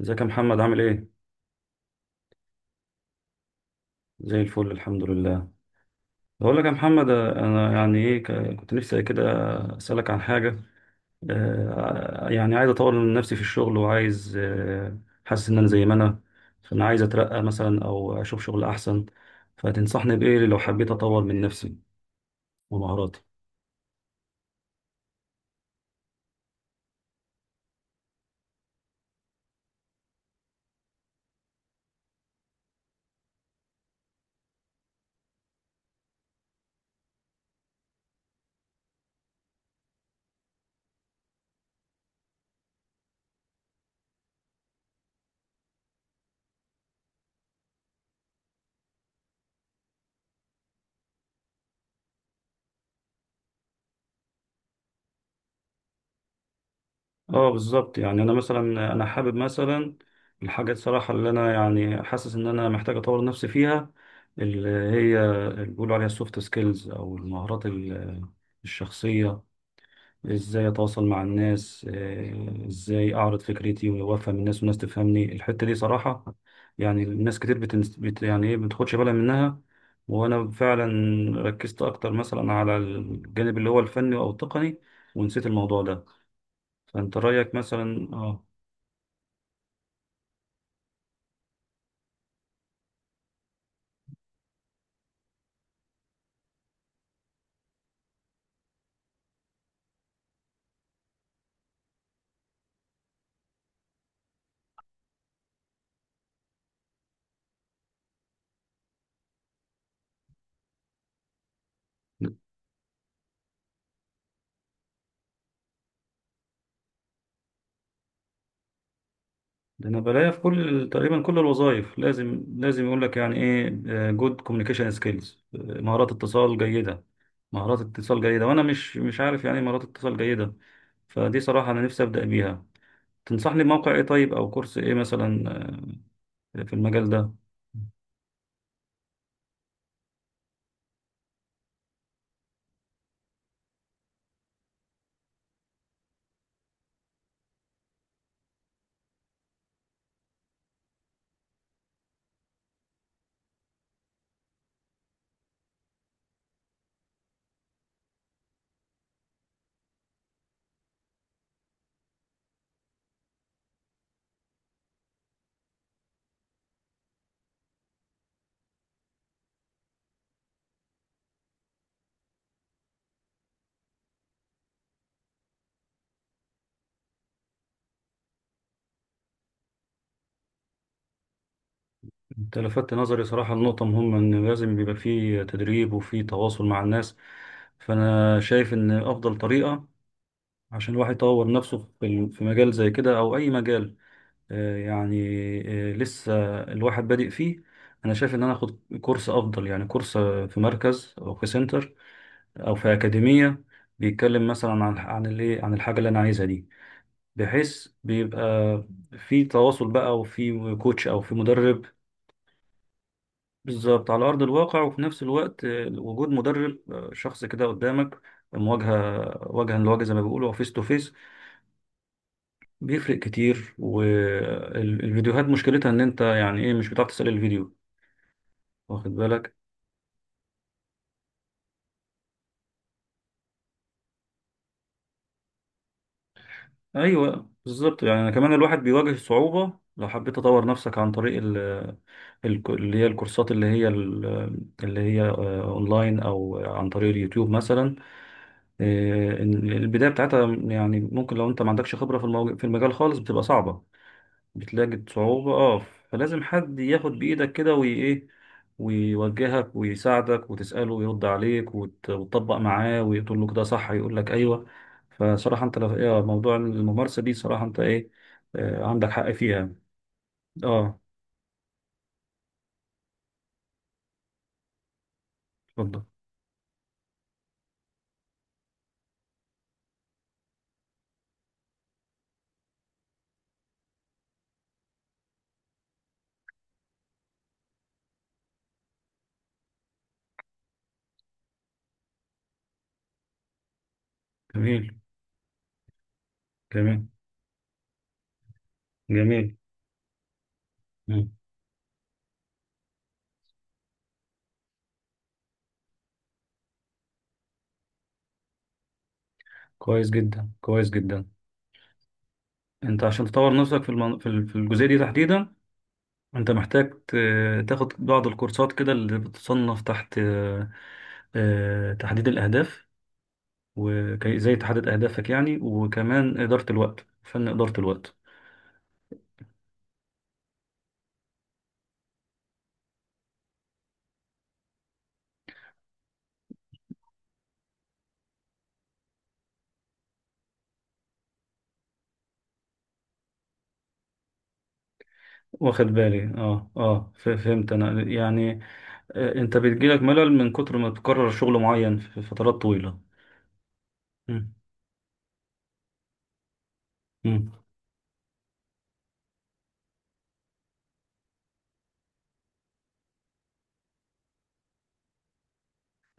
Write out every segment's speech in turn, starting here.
ازيك يا محمد؟ عامل ايه؟ زي الفل الحمد لله. بقول لك يا محمد، انا يعني ايه كنت نفسي كده اسالك عن حاجه. يعني عايز اطور من نفسي في الشغل، وعايز حاسس ان انا زي ما انا، فانا عايز اترقى مثلا او اشوف شغل احسن. فتنصحني بايه لو حبيت اطور من نفسي ومهاراتي؟ اه بالظبط، يعني انا مثلا، انا حابب مثلا الحاجات صراحه اللي انا يعني حاسس ان انا محتاج اطور نفسي فيها، اللي هي اللي بيقولوا عليها السوفت سكيلز او المهارات الشخصيه. ازاي اتواصل مع الناس، ازاي اعرض فكرتي وافهم الناس والناس تفهمني؟ الحته دي صراحه، يعني الناس كتير يعني ايه بتاخدش بالها منها. وانا فعلا ركزت اكتر مثلا على الجانب اللي هو الفني او التقني، ونسيت الموضوع ده. فأنت رأيك مثلا؟ اه ده أنا بلاقيها في كل، تقريبا كل الوظائف، لازم لازم يقول لك يعني إيه جود كوميونيكيشن سكيلز، مهارات اتصال جيدة، مهارات اتصال جيدة. وأنا مش عارف يعني إيه مهارات اتصال جيدة. فدي صراحة أنا نفسي أبدأ بيها. تنصحني بموقع إيه طيب، أو كورس إيه مثلا في المجال ده؟ أنت لفتت نظري صراحة لنقطة مهمة، إن لازم بيبقى فيه تدريب وفيه تواصل مع الناس. فأنا شايف إن أفضل طريقة عشان الواحد يطور نفسه في في مجال زي كده او اي مجال، آه، يعني لسه الواحد بادئ فيه، انا شايف ان انا اخد كورس افضل، يعني كورس في مركز او في سنتر او في اكاديمية، بيتكلم مثلا عن الايه، عن الحاجة اللي انا عايزها دي، بحيث بيبقى في تواصل بقى، وفي كوتش او في مدرب. بالظبط، على ارض الواقع. وفي نفس الوقت وجود مدرب، شخص كده قدامك، مواجهة وجها لوجه زي ما بيقولوا فيس تو فيس. بيفرق كتير. والفيديوهات مشكلتها ان انت يعني ايه مش بتعرف تسأل الفيديو، واخد بالك؟ ايوه بالظبط، يعني أنا كمان الواحد بيواجه صعوبة لو حبيت تطور نفسك عن طريق ال، اللي هي الكورسات، اللي هي اونلاين او عن طريق اليوتيوب مثلا، إن البداية بتاعتها يعني ممكن لو انت ما عندكش خبرة في في المجال خالص، بتبقى صعبة، بتلاقي صعوبة. اه، فلازم حد ياخد بإيدك كده، وي ايه، ويوجهك ويساعدك وتسأله ويرد عليك، وتطبق معاه، ويقول له كده صح، يقول لك أيوه. فصراحة أنت لو إيه، موضوع الممارسة دي صراحة أنت إيه عندك حق فيها. اه، اتفضل. جميل، جميل، جميل. مم. كويس جدا، كويس جدا. أنت عشان تطور نفسك في في الجزئية دي تحديدا، أنت محتاج تاخد بعض الكورسات كده اللي بتصنف تحت تحديد الأهداف، وازاي تحدد اهدافك يعني، وكمان اداره الوقت، فن اداره الوقت. واخد بالي، اه اه، فهمت انا يعني، انت بتجيلك ملل من كتر ما تكرر شغل معين في فترات طويله. مم. مم.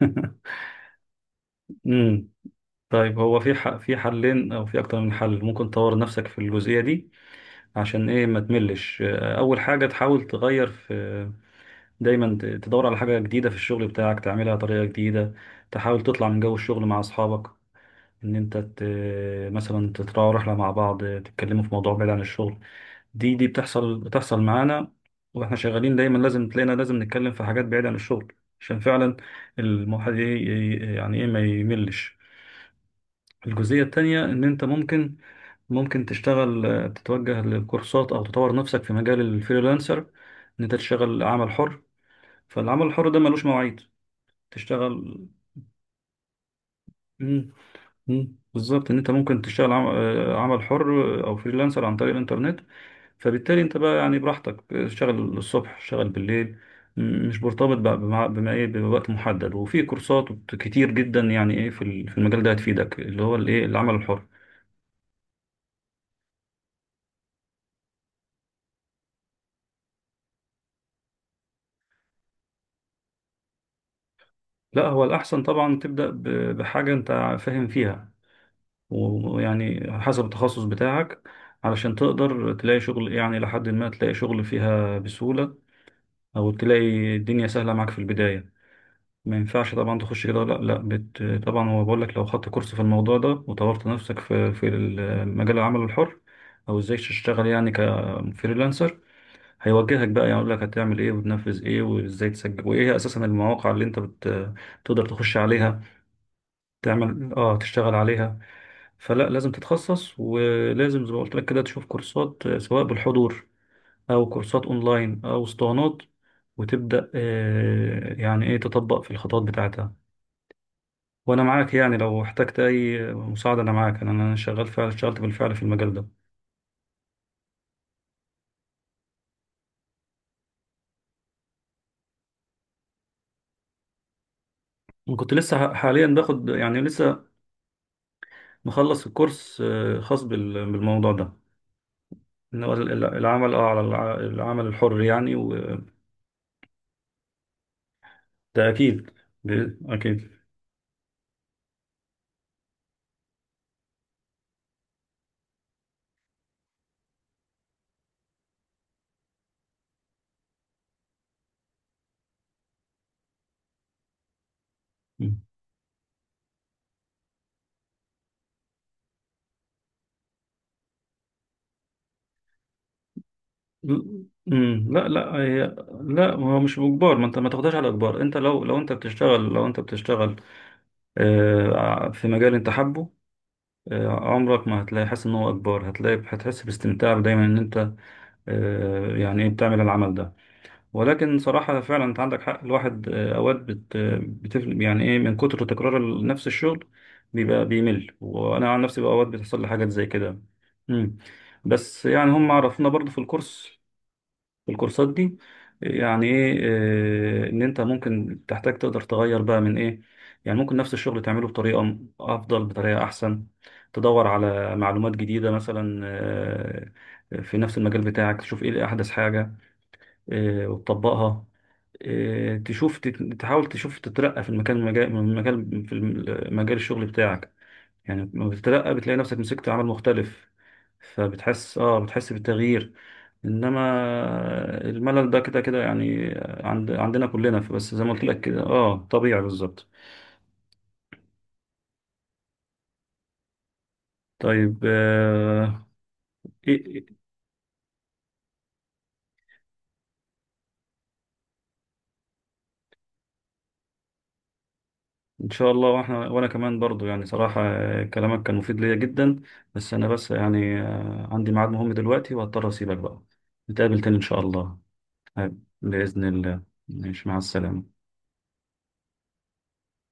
امم طيب، هو في في حلين او في اكتر من حل ممكن تطور نفسك في الجزئيه دي عشان ايه ما تملش. اول حاجه، تحاول تغير في، دايما تدور على حاجه جديده في الشغل بتاعك تعملها بطريقه جديده. تحاول تطلع من جو الشغل مع اصحابك، ان انت مثلا تطلعوا رحله مع بعض تتكلموا في موضوع بعيد عن الشغل. دي بتحصل معانا، واحنا شغالين دايما لازم تلاقينا لازم نتكلم في حاجات بعيده عن الشغل، عشان فعلا الواحد يعني ايه ما يملش. الجزئيه التانيه، ان انت ممكن، ممكن تشتغل، تتوجه للكورسات او تطور نفسك في مجال الفريلانسر، ان انت تشتغل عمل حر. فالعمل الحر ده ملوش مواعيد، تشتغل. مم. بالظبط، ان انت ممكن تشتغل عمل حر، او فريلانسر عن طريق الانترنت. فبالتالي انت بقى يعني براحتك، اشتغل الصبح، اشتغل بالليل. مش مرتبط بقى بما ايه، بوقت محدد. وفي كورسات كتير جدا يعني ايه في في المجال ده هتفيدك، اللي هو الايه، العمل الحر. لا هو الاحسن طبعا تبدا بحاجه انت فاهم فيها، ويعني حسب التخصص بتاعك، علشان تقدر تلاقي شغل، يعني لحد ما تلاقي شغل فيها بسهوله، او تلاقي الدنيا سهله معاك في البدايه. ما ينفعش طبعا تخش كده، لا لا طبعا. هو بقول لك، لو خدت كورس في الموضوع ده، وطورت نفسك في، في مجال العمل الحر، او ازاي تشتغل يعني كفريلانسر، هيوجهك بقى يعني، يقول لك هتعمل ايه وتنفذ ايه وازاي تسجل وايه هي اساسا المواقع اللي انت تقدر تخش عليها تعمل اه تشتغل عليها. فلا لازم تتخصص، ولازم زي ما قلت لك كده تشوف كورسات، سواء بالحضور او كورسات اونلاين او اسطوانات، وتبدأ يعني ايه تطبق في الخطوات بتاعتها. وانا معاك يعني، لو احتجت اي مساعده انا معاك، أنا شغال فعلا، اشتغلت بالفعل في المجال ده، وكنت لسه حاليا باخد، يعني لسه مخلص الكورس خاص بالموضوع ده، إن هو العمل، اه، على العمل الحر يعني، وده. اكيد. اكيد. م. م. لا لا هي، لا هو مش باجبار. ما انت ما تاخدهاش على اجبار. انت لو، لو انت بتشتغل، لو انت بتشتغل في مجال انت حابه، عمرك ما هتلاقي حاسس ان هو اجبار. هتلاقي هتحس باستمتاع دايما ان انت يعني ايه بتعمل العمل ده. ولكن صراحة فعلا انت عندك حق، الواحد اوقات بتفل يعني ايه من كتر تكرار نفس الشغل، بيبقى بيمل. وانا عن نفسي بقى اوقات بتحصل لي حاجات زي كده. مم. بس يعني هم عرفونا برضو في الكورس، الكورسات دي، يعني ايه، ان انت ممكن تحتاج تقدر تغير بقى من ايه، يعني ممكن نفس الشغل تعمله بطريقة افضل، بطريقة احسن. تدور على معلومات جديدة مثلا في نفس المجال بتاعك، تشوف ايه احدث حاجة وتطبقها. تشوف، تحاول تشوف تترقى في المكان، مجال من مجال في مجال الشغل بتاعك. يعني لما بتترقى بتلاقي نفسك مسكت عمل مختلف، فبتحس، اه، بتحس بالتغيير. انما الملل ده كده كده يعني، عندنا كلنا. فبس زي ما قلت لك كده، اه، طبيعي بالظبط. طيب، آه، إيه، إيه، ان شاء الله. واحنا وانا كمان برضو يعني صراحة كلامك كان مفيد ليا جدا. بس انا يعني عندي ميعاد مهم دلوقتي، وهضطر اسيبك بقى. نتقابل تاني ان شاء الله. آه، بإذن الله. ماشي، مع السلامة.